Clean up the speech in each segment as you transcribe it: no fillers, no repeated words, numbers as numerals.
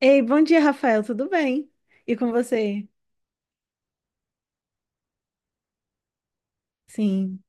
Ei, bom dia, Rafael, tudo bem? E com você? Sim.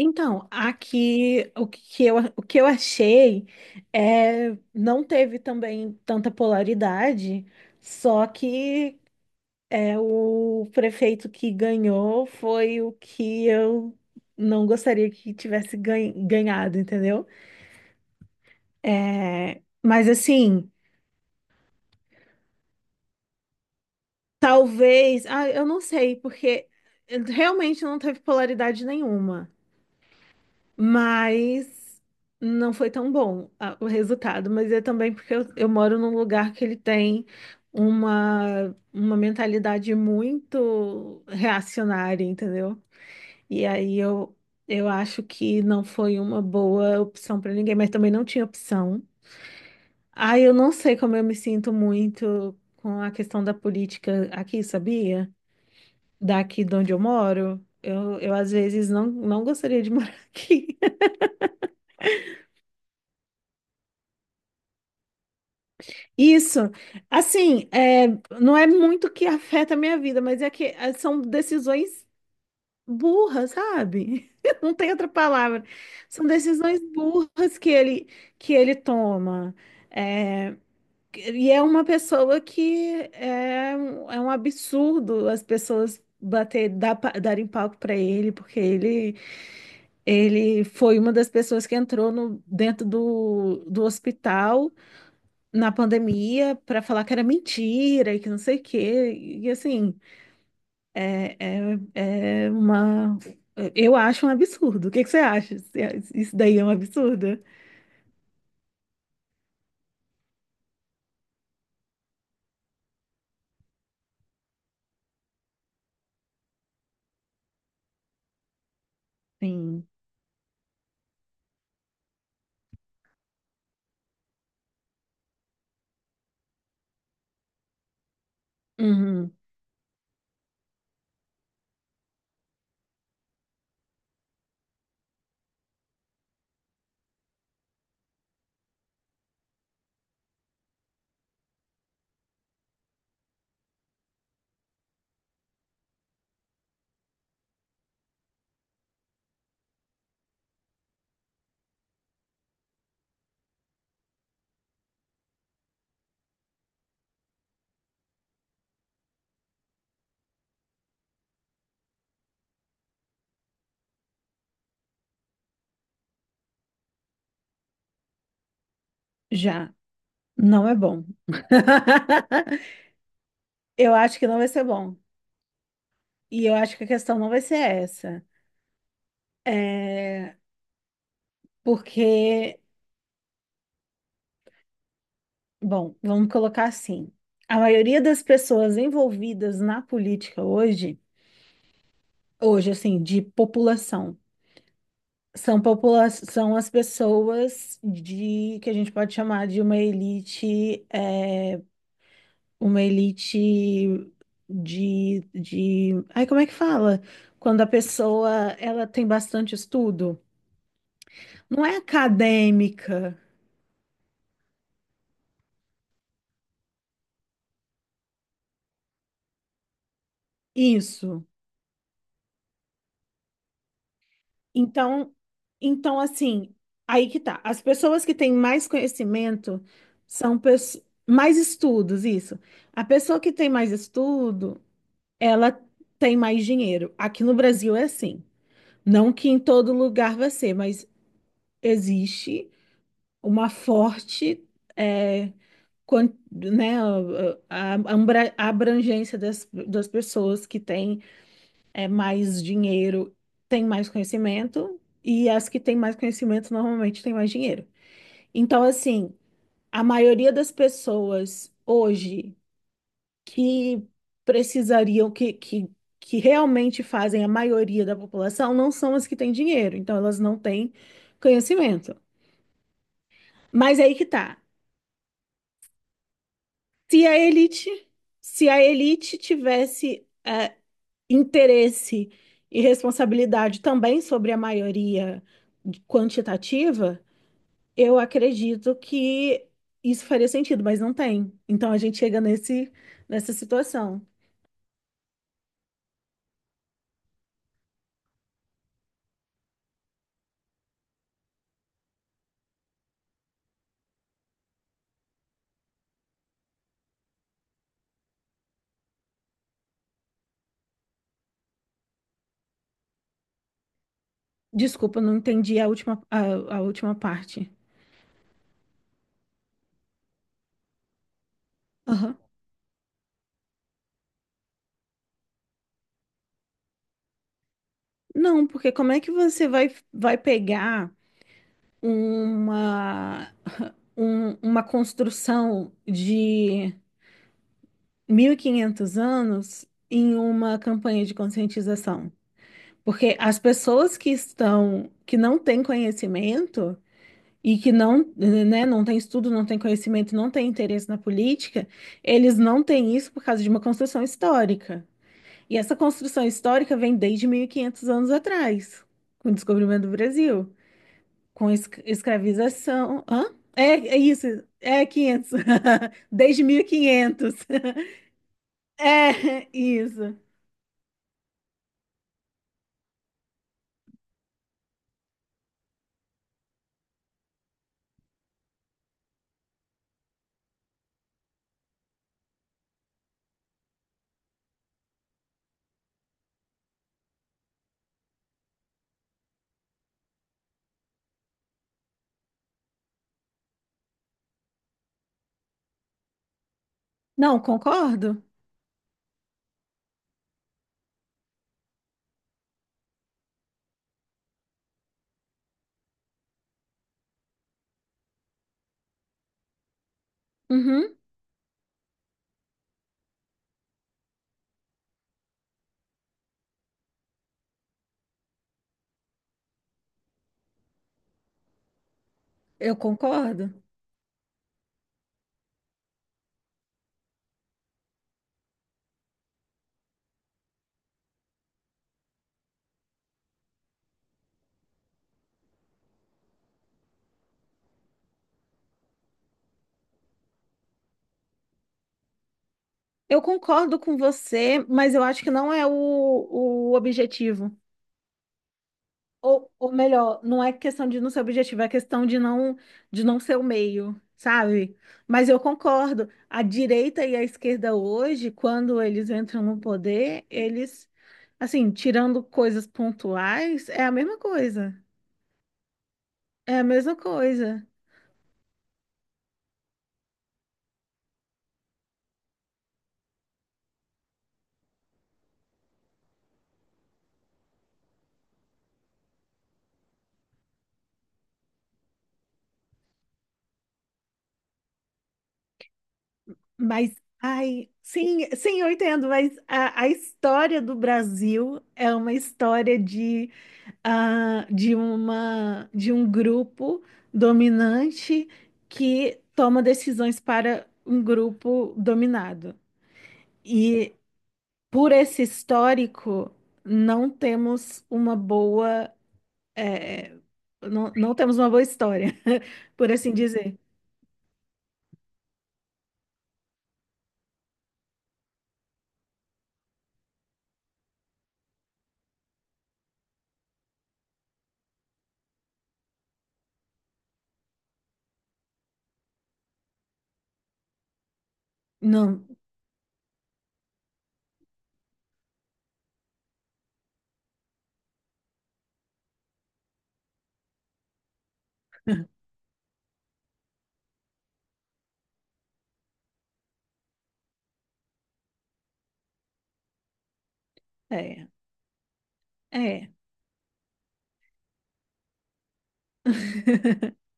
Então, aqui o que eu achei não teve também tanta polaridade, só que o prefeito que ganhou foi o que eu não gostaria que tivesse ganhado, entendeu? É, mas assim, talvez, eu não sei, porque realmente não teve polaridade nenhuma. Mas não foi tão bom o resultado. Mas é também porque eu moro num lugar que ele tem uma mentalidade muito reacionária, entendeu? E aí eu acho que não foi uma boa opção para ninguém, mas também não tinha opção. Eu não sei como eu me sinto muito com a questão da política aqui, sabia? Daqui de onde eu moro. Eu às vezes não gostaria de morar aqui. Isso, assim, não é muito que afeta a minha vida, mas é que é, são decisões burras, sabe? Não tem outra palavra. São decisões burras que ele toma. É, e é uma pessoa que é, é um absurdo as pessoas bater, darem palco para ele, porque ele foi uma das pessoas que entrou no, dentro do hospital na pandemia para falar que era mentira e que não sei o quê. E assim, é, é uma. Eu acho um absurdo. O que que você acha? Você- Isso daí é um absurdo? Sim. Uhum. Já. Não é bom. Eu acho que não vai ser bom. E eu acho que a questão não vai ser essa. É Porque, bom, vamos colocar assim, a maioria das pessoas envolvidas na política hoje, hoje assim, de população, são as pessoas de que a gente pode chamar de uma elite, é, uma elite ai, como é que fala? Quando a pessoa ela tem bastante estudo, não é acadêmica, isso. Então, então assim, aí que tá. As pessoas que têm mais conhecimento são pessoas mais estudos, isso. A pessoa que tem mais estudo ela tem mais dinheiro. Aqui no Brasil é assim. Não que em todo lugar vai ser, mas existe uma forte, é, né, a abrangência das pessoas que têm é, mais dinheiro, têm mais conhecimento, e as que têm mais conhecimento normalmente têm mais dinheiro. Então, assim, a maioria das pessoas hoje que precisariam, que, que, que realmente fazem a maioria da população, não são as que têm dinheiro, então elas não têm conhecimento. Mas aí que tá. Se a elite, se a elite tivesse interesse e responsabilidade também sobre a maioria quantitativa, eu acredito que isso faria sentido, mas não tem. Então a gente chega nessa situação. Desculpa, eu não entendi a última parte. Aham. Não, porque como é que você vai, vai pegar uma, uma construção de 1500 anos em uma campanha de conscientização? Porque as pessoas que estão, que não têm conhecimento e que não, né, não têm estudo, não têm conhecimento, não têm interesse na política, eles não têm isso por causa de uma construção histórica. E essa construção histórica vem desde 1500 anos atrás, com o descobrimento do Brasil. Com escravização. Hã? É, é isso. É 500. Desde 1500 É isso. Não, concordo. Uhum, eu concordo. Eu concordo com você, mas eu acho que não é o objetivo. Ou melhor, não é questão de não ser objetivo, é questão de de não ser o meio, sabe? Mas eu concordo, a direita e a esquerda hoje, quando eles entram no poder, eles, assim, tirando coisas pontuais, é a mesma coisa. É a mesma coisa. Mas, ai, sim, sim, eu entendo, mas a história do Brasil é uma história de de uma de um grupo dominante que toma decisões para um grupo dominado. E por esse histórico, não temos uma boa eh, não temos uma boa história, por assim dizer. Não, é, é.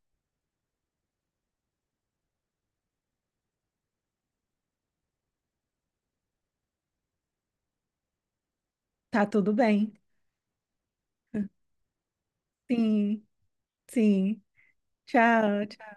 Tá tudo bem. Sim, sim. Tchau.